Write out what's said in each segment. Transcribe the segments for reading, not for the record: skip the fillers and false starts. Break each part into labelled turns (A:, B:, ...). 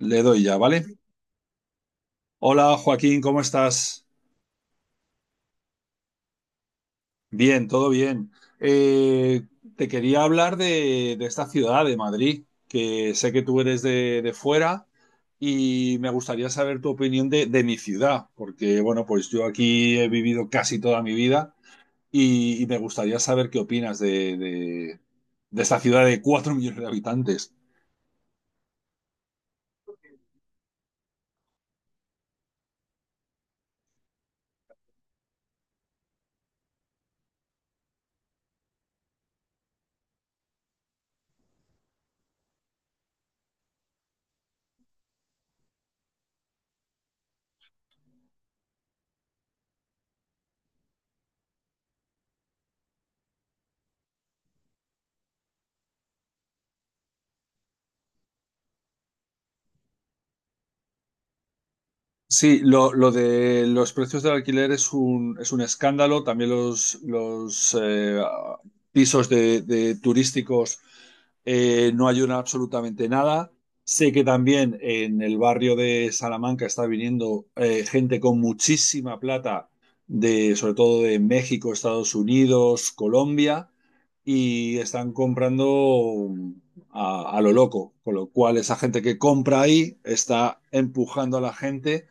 A: Le doy ya, ¿vale? Hola Joaquín, ¿cómo estás? Bien, todo bien. Eh, Te quería hablar de esta ciudad, de Madrid, que sé que tú eres de fuera y me gustaría saber tu opinión de mi ciudad, porque bueno, pues yo aquí he vivido casi toda mi vida y me gustaría saber qué opinas de esta ciudad de 4 millones de habitantes. Sí, lo de los precios del alquiler es es un escándalo. También los pisos de turísticos no ayudan absolutamente nada. Sé que también en el barrio de Salamanca está viniendo gente con muchísima plata, de, sobre todo de México, Estados Unidos, Colombia, y están comprando a lo loco, con lo cual esa gente que compra ahí está empujando a la gente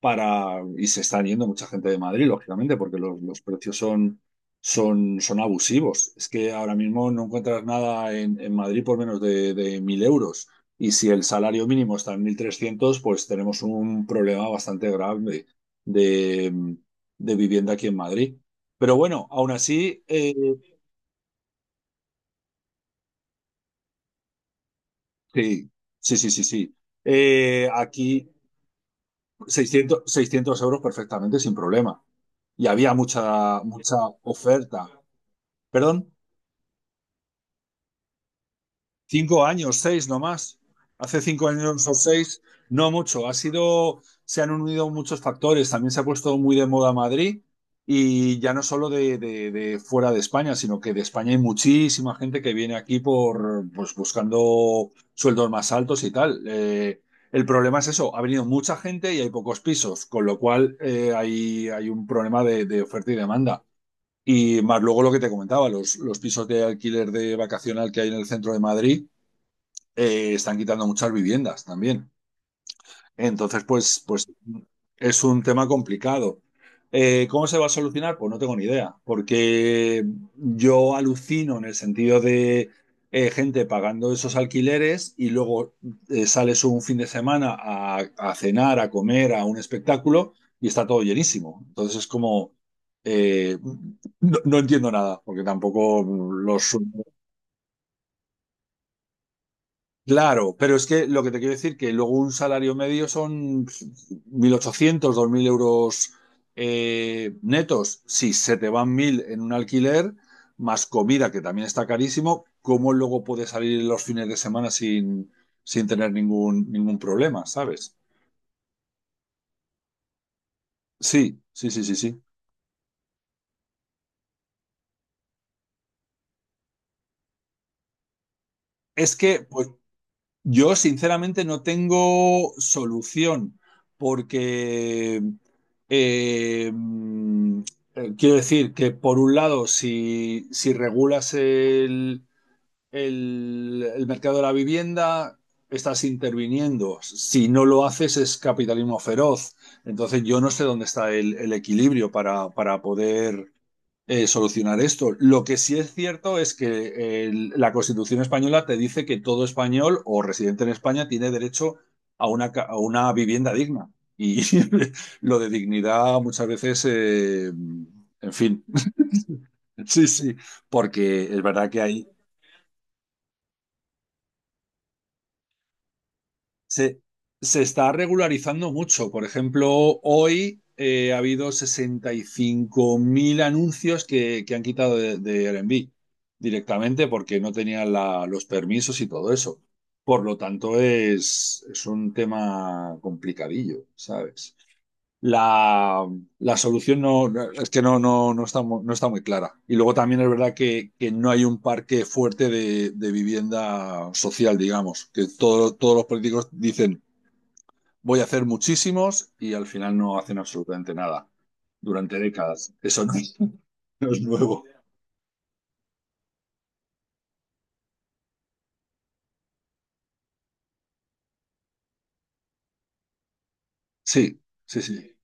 A: para, y se están yendo mucha gente de Madrid, lógicamente, porque los precios son abusivos. Es que ahora mismo no encuentras nada en Madrid por menos de 1.000 euros. Y si el salario mínimo está en 1.300, pues tenemos un problema bastante grave de, de vivienda aquí en Madrid. Pero bueno, aún así, sí, sí, sí, sí, sí. Aquí seiscientos euros perfectamente sin problema. Y había mucha, mucha oferta. ¿Perdón? 5 años, seis nomás. Hace 5 años o 6, no mucho. Ha sido, se han unido muchos factores. También se ha puesto muy de moda Madrid y ya no solo de fuera de España, sino que de España hay muchísima gente que viene aquí por, pues, buscando sueldos más altos y tal. El problema es eso, ha venido mucha gente y hay pocos pisos, con lo cual un problema de oferta y demanda. Y más luego lo que te comentaba, pisos de alquiler de vacacional que hay en el centro de Madrid, están quitando muchas viviendas también. Entonces, pues es un tema complicado. ¿Cómo se va a solucionar? Pues no tengo ni idea, porque yo alucino en el sentido de gente pagando esos alquileres y luego sales un fin de semana cenar, a comer, a un espectáculo y está todo llenísimo. Entonces es como, eh, no, entiendo nada, porque tampoco los sueldos. Claro, pero es que lo que te quiero decir que luego un salario medio son 1.800 2.000 euros netos. Si se te van 1.000 en un alquiler, más comida, que también está carísimo, ¿cómo luego puedes salir los fines de semana sin, sin tener ningún, ningún problema, ¿sabes? Sí, sí, sí, sí, sí. Es que, pues, yo sinceramente no tengo solución porque eh, mm, quiero decir que por un lado, si regulas el mercado de la vivienda, estás interviniendo. Si no lo haces es capitalismo feroz. Entonces yo no sé dónde está el equilibrio para poder solucionar esto. Lo que sí es cierto es que la Constitución española te dice que todo español o residente en España tiene derecho a una vivienda digna. Y lo de dignidad muchas veces, en fin, sí, sí, porque es verdad que hay, Se, se está regularizando mucho. Por ejemplo, hoy ha habido 65.000 anuncios que han quitado de Airbnb directamente porque no tenían los permisos y todo eso. Por lo tanto, es un tema complicadillo, ¿sabes? La, la solución es que no está, no está muy clara. Y luego también es verdad que no hay un parque fuerte de vivienda social, digamos, que todos los políticos dicen, voy a hacer muchísimos y al final no hacen absolutamente nada durante décadas. Eso no, es, no es nuevo. Sí, sí, sí,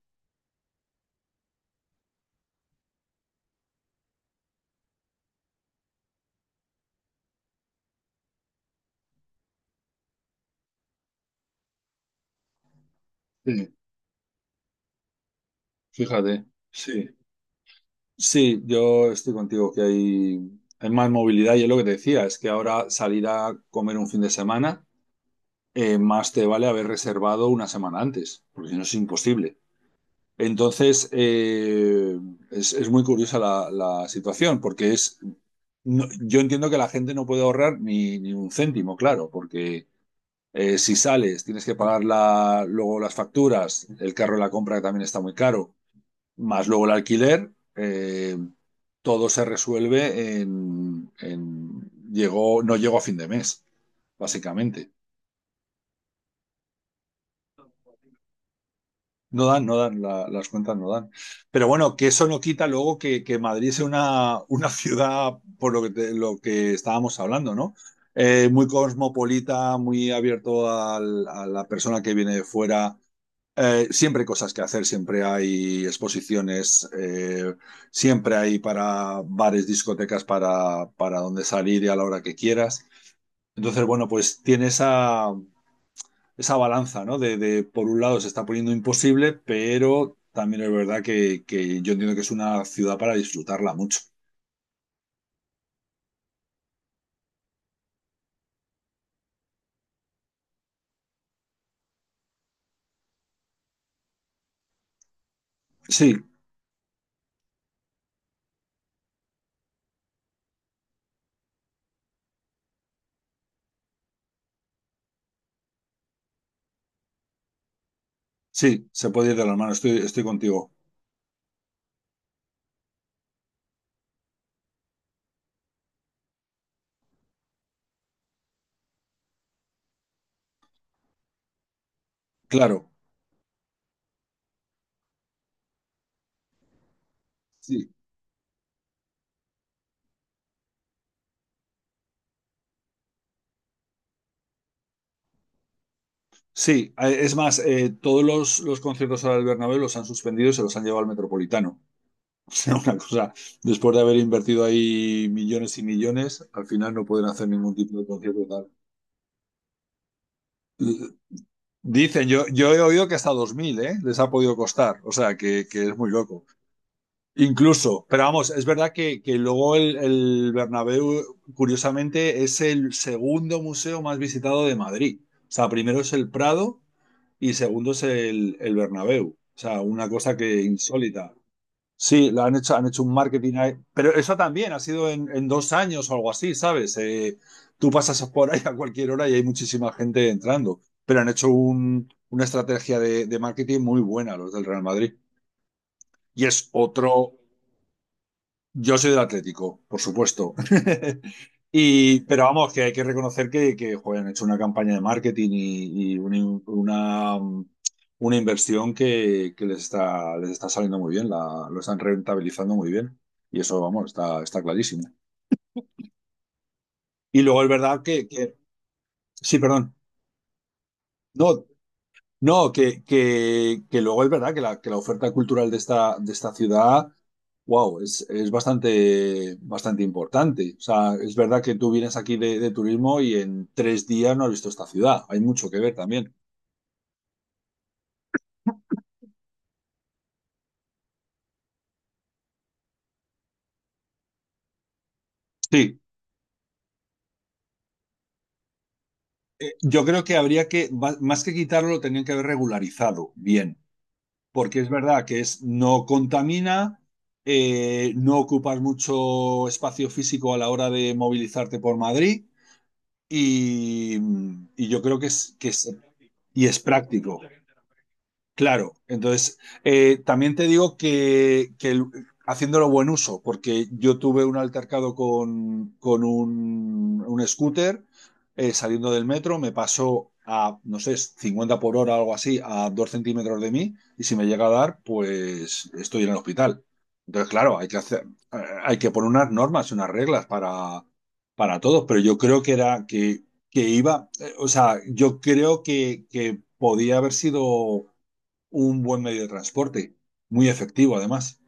A: sí, fíjate, sí. Sí, yo estoy contigo que hay más movilidad y es lo que te decía, es que ahora salir a comer un fin de semana, más te vale haber reservado una semana antes, porque si no es imposible. Entonces, es muy curiosa la situación, porque es no- yo entiendo que la gente no puede ahorrar ni, ni un céntimo, claro, porque si sales tienes que pagar luego las facturas, el carro de la compra que también está muy caro, más luego el alquiler, todo se resuelve llegó, no llegó a fin de mes, básicamente. No dan, no dan, las cuentas no dan. Pero bueno, que eso no quita luego que Madrid sea una ciudad, por lo que, lo que estábamos hablando, ¿no? Muy cosmopolita, muy abierto a la persona que viene de fuera. Siempre hay cosas que hacer, siempre hay exposiciones, siempre hay para bares, discotecas, para donde salir y a la hora que quieras. Entonces, bueno, pues tiene esa, esa balanza, ¿no? De, por un lado se está poniendo imposible, pero también es verdad que, yo entiendo que es una ciudad para disfrutarla mucho. Sí, sí, se puede ir de las manos, estoy, estoy contigo. Claro, sí. Sí, es más, todos conciertos ahora del Bernabéu los han suspendido y se los han llevado al Metropolitano. O sea, una cosa, después de haber invertido ahí millones y millones, al final no pueden hacer ningún tipo de concierto y tal. L- Dicen, yo he oído que hasta 2.000, ¿eh? Les ha podido costar, o sea, que es muy loco. Incluso, pero vamos, es verdad que luego el Bernabéu, curiosamente, es el segundo museo más visitado de Madrid. O sea, primero es el Prado y segundo es el Bernabéu. O sea, una cosa que insólita. Sí, lo han hecho un marketing ahí. Pero eso también ha sido en 2 años o algo así, ¿sabes? Tú pasas por ahí a cualquier hora y hay muchísima gente entrando. Pero han hecho una estrategia de marketing muy buena los del Real Madrid. Y es otro, yo soy del Atlético, por supuesto. Y, pero vamos, que hay que reconocer que joder, han hecho una campaña de marketing y una inversión que les está saliendo muy bien, la, lo están rentabilizando muy bien. Y eso, vamos, está, está clarísimo. Y luego es verdad que- Sí, perdón. No, no, que luego es verdad que la oferta cultural de esta ciudad, wow, es bastante, bastante importante. O sea, es verdad que tú vienes aquí de turismo y en 3 días no has visto esta ciudad. Hay mucho que ver también. Sí, yo creo que habría que, más que quitarlo, lo tenían que haber regularizado bien, porque es verdad que es, no contamina, no ocupas mucho espacio físico a la hora de movilizarte por Madrid y, y yo creo que, es- que se y es práctico. Claro, entonces también te digo que, haciéndolo buen uso, porque yo tuve un altercado con un scooter saliendo del metro, me pasó a, no sé, 50 por hora o algo así, a 2 centímetros de mí, y si me llega a dar, pues estoy en el hospital. Entonces, claro, hay que hacer, eh, hay que poner unas normas y unas reglas para todos, pero yo creo que era que iba, o sea, yo creo que podía haber sido un buen medio de transporte, muy efectivo además,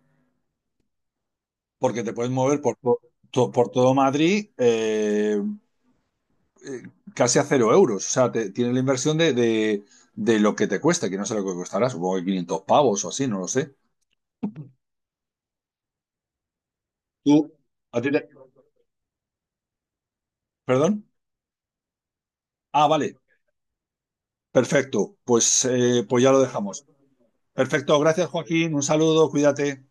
A: porque te puedes mover por, por todo Madrid eh, casi a 0 euros. O sea, tienes la inversión de lo que te cuesta, que no sé lo que costará, supongo que 500 pavos o así, no lo sé. ¿Tú? ¿A ti te- ¿Perdón? Ah, vale, perfecto. Pues, pues ya lo dejamos. Perfecto, gracias Joaquín, un saludo, cuídate.